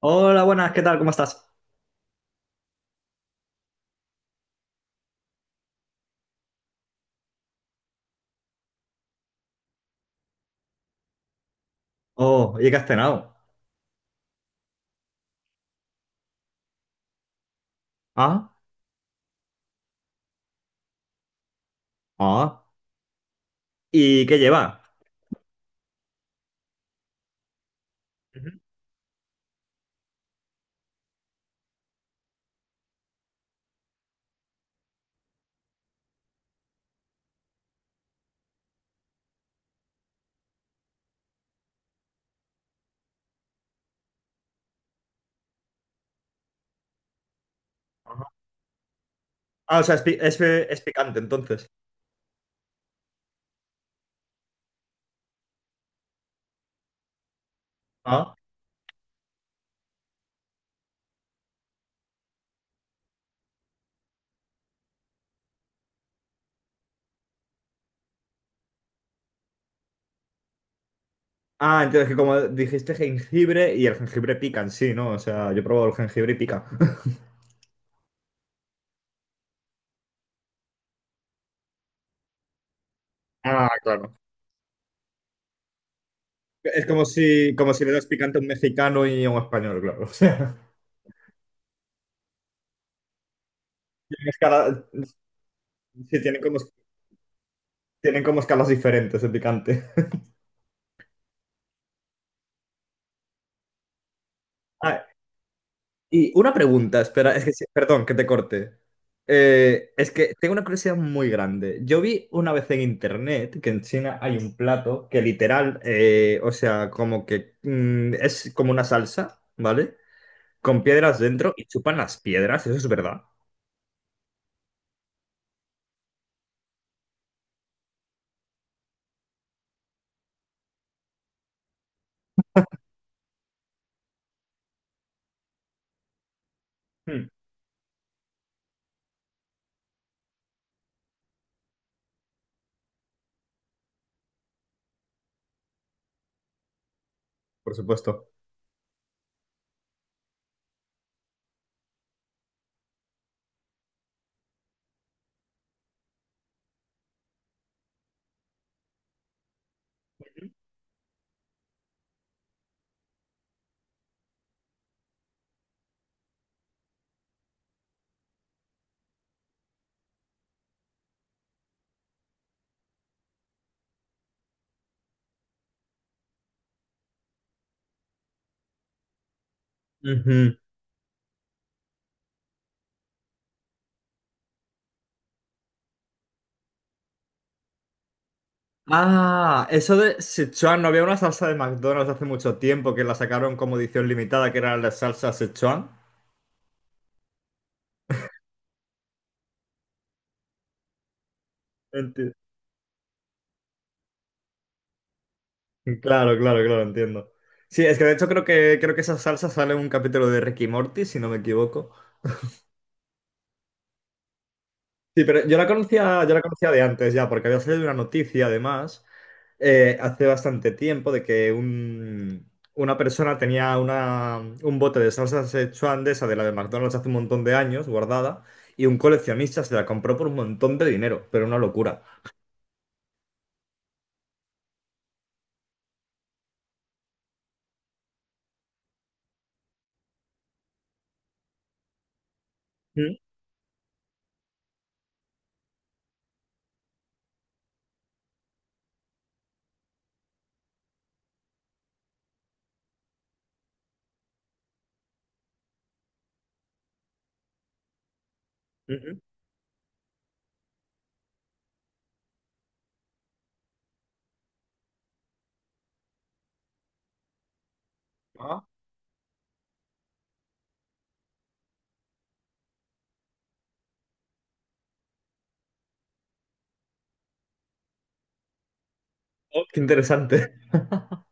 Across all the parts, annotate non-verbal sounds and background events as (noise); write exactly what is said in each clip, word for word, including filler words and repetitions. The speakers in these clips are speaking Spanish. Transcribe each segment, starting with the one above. Hola, buenas, ¿qué tal? ¿Cómo estás? Oh, ¿y qué has cenado? Ah, ah. ¿Y qué lleva? Ujú, ajá. Ah, o sea, es, pi- es, eh, es picante entonces. Ah. Ah, entonces que como dijiste jengibre y el jengibre pica en sí, ¿no? O sea, yo he probado el jengibre y pica. (laughs) Ah, claro. Es como si, como si le das picante a un mexicano y a un español, claro. O sea, (laughs) tienen escala- sí, tienen como, tienen como escalas diferentes de picante. Ah, y una pregunta, espera, es que, sí- perdón, que te corte. Eh, es que tengo una curiosidad muy grande. Yo vi una vez en internet que en China hay un plato que literal, eh, o sea, como que mm, es como una salsa, ¿vale? Con piedras dentro y chupan las piedras, eso es verdad. Mm, por supuesto. Ujú. Ah, eso de si, Sichuan, no había una salsa de McDonald's hace mucho tiempo que la sacaron como edición limitada, que era la salsa Sichuan. Claro, claro, claro, entiendo. Sí, es que de hecho creo que creo que esa salsa sale en un capítulo de Ricky Morty, si no me equivoco. Sí, pero yo la conocía, yo la conocía de antes ya, porque había salido una noticia además eh, hace bastante tiempo de que un- una persona tenía una, un bote de salsa Szechuan de esa de la de McDonald's hace un montón de años guardada y un coleccionista se la compró por un montón de dinero, pero una locura. Mm, ujú. Ah, oh, qué interesante. (laughs)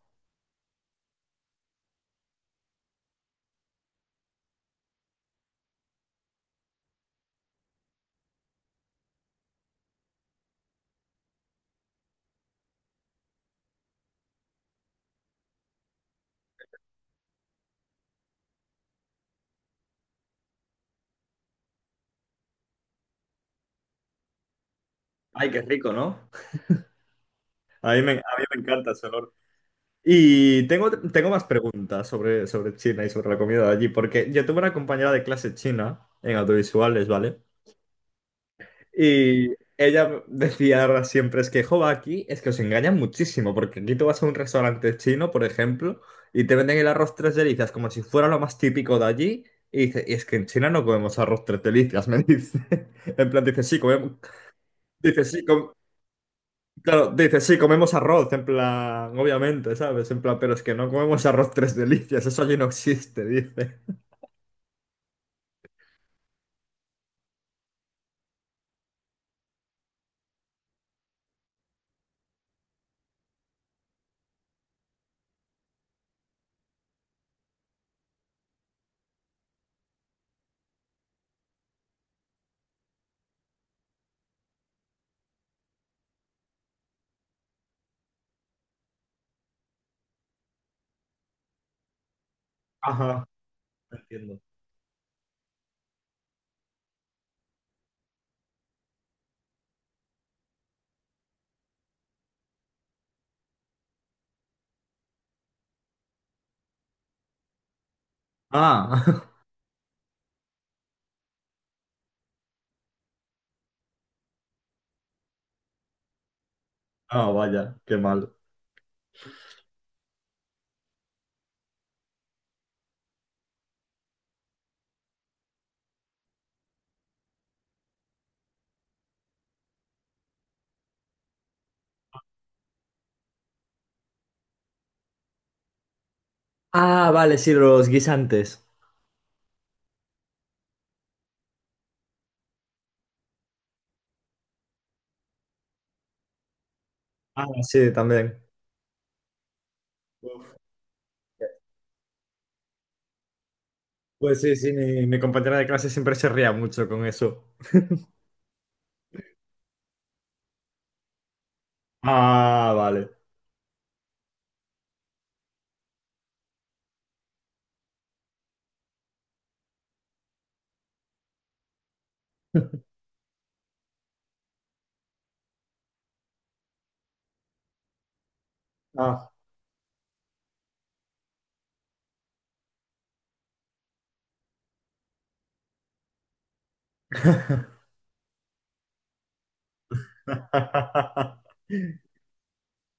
Ay, qué rico, ¿no? A mí me, a mí me encanta ese olor. Y tengo, tengo más preguntas sobre, sobre China y sobre la comida de allí, porque yo tuve una compañera de clase china en audiovisuales, ¿vale? Y ella decía siempre, es que, jo, aquí es que os engañan muchísimo, porque aquí tú vas a un restaurante chino, por ejemplo, y te venden el arroz tres delicias como si fuera lo más típico de allí, y dice, y es que en China no comemos arroz tres delicias, me dice. (laughs) En plan, dice, sí, comemos, dice, sí, com- claro, dices, sí, comemos arroz, en plan, obviamente, ¿sabes? En plan, pero es que no comemos arroz tres delicias, eso allí no existe, dice. Ajá, entiendo. Ah, (laughs) ah, vaya, qué mal. Ah, vale, sí, los guisantes. Ah, sí, también. Uf. Pues sí, sí, mi, mi compañera de clase siempre se ría mucho con eso. Ah, vale. Ah. (laughs)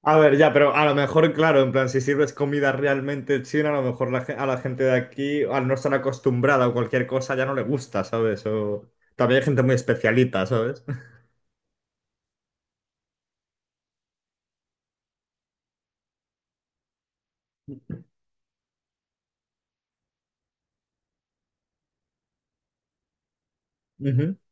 A ver, ya, pero a lo mejor, claro, en plan, si sirves comida realmente china, a lo mejor la, ge- a la gente de aquí, al no estar acostumbrada o cualquier cosa, ya no le gusta, ¿sabes? O también hay gente muy especialita, ¿sabes? (laughs)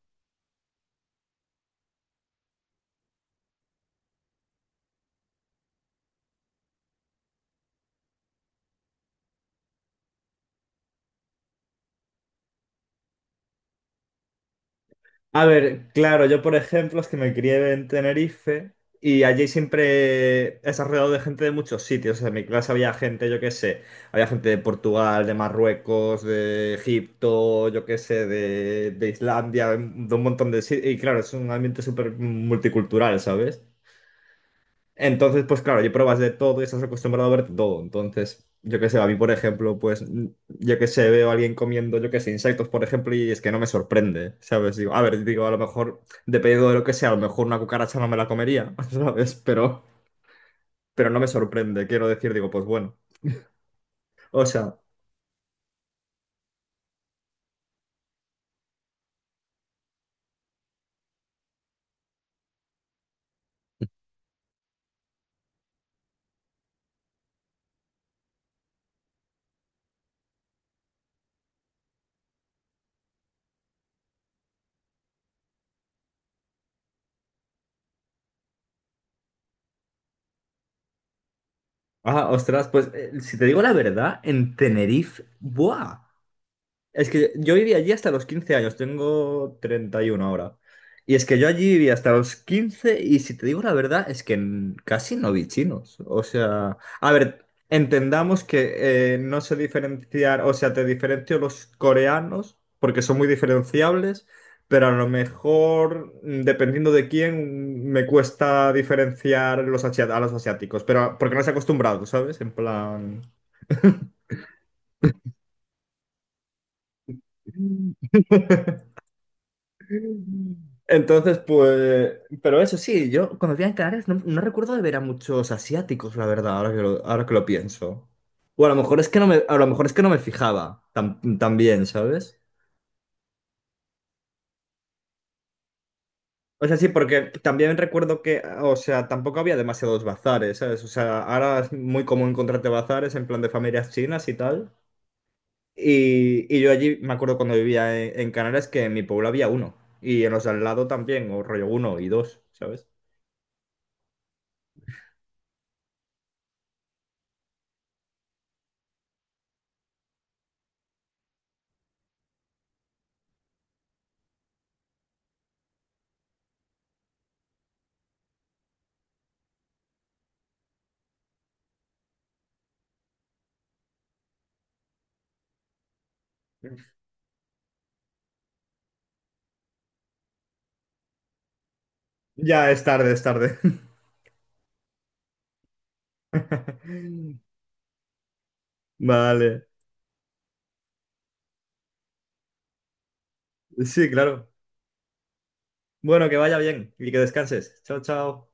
A ver, claro, yo por ejemplo es que me crié en Tenerife y allí siempre es alrededor de gente de muchos sitios. O sea, en mi clase había gente, yo qué sé, había gente de Portugal, de Marruecos, de Egipto, yo qué sé, de, de Islandia, de un montón de sitios. Y claro, es un ambiente súper multicultural, ¿sabes? Entonces, pues claro, yo pruebas de todo y estás acostumbrado a ver todo. Entonces, yo qué sé, a mí, por ejemplo, pues n- yo qué sé, veo a alguien comiendo, yo qué sé, insectos, por ejemplo, y es que no me sorprende, ¿sabes? Digo, a ver, digo, a lo mejor, dependiendo de lo que sea, a lo mejor una cucaracha no me la comería, (laughs) ¿sabes? Pero, pero no me sorprende, quiero decir, digo, pues bueno. O sea, ah, ostras, pues eh, si te digo la verdad, en Tenerife, ¡buah! Es que yo viví allí hasta los quince años, tengo treinta y uno ahora. Y es que yo allí viví hasta los quince y si te digo la verdad es que n- casi no vi chinos. O sea, a ver, entendamos que eh, no sé diferenciar, o sea, te diferencio los coreanos porque son muy diferenciables, pero a lo mejor, mm, dependiendo de quién, me cuesta diferenciar los asia- a los asiáticos, pero porque no estoy acostumbrado, ¿sabes? En plan... (laughs) Entonces, pues, pero eso sí, yo cuando vivía en Canarias no, no recuerdo de ver a muchos asiáticos, la verdad, ahora que lo, ahora que lo pienso. O a lo mejor es que no me, a lo mejor es que no me fijaba tan, tan bien, ¿sabes? O sea, sí, porque también recuerdo que, o sea, tampoco había demasiados bazares, ¿sabes? O sea, ahora es muy común encontrarte bazares en plan de familias chinas y tal. Y, y yo allí me acuerdo cuando vivía en, en Canarias que en mi pueblo había uno. Y en los de al lado también, o rollo uno y dos, ¿sabes? Ya es tarde, es tarde. (laughs) Vale. Sí, claro. Bueno, que vaya bien y que descanses. Chao, chao.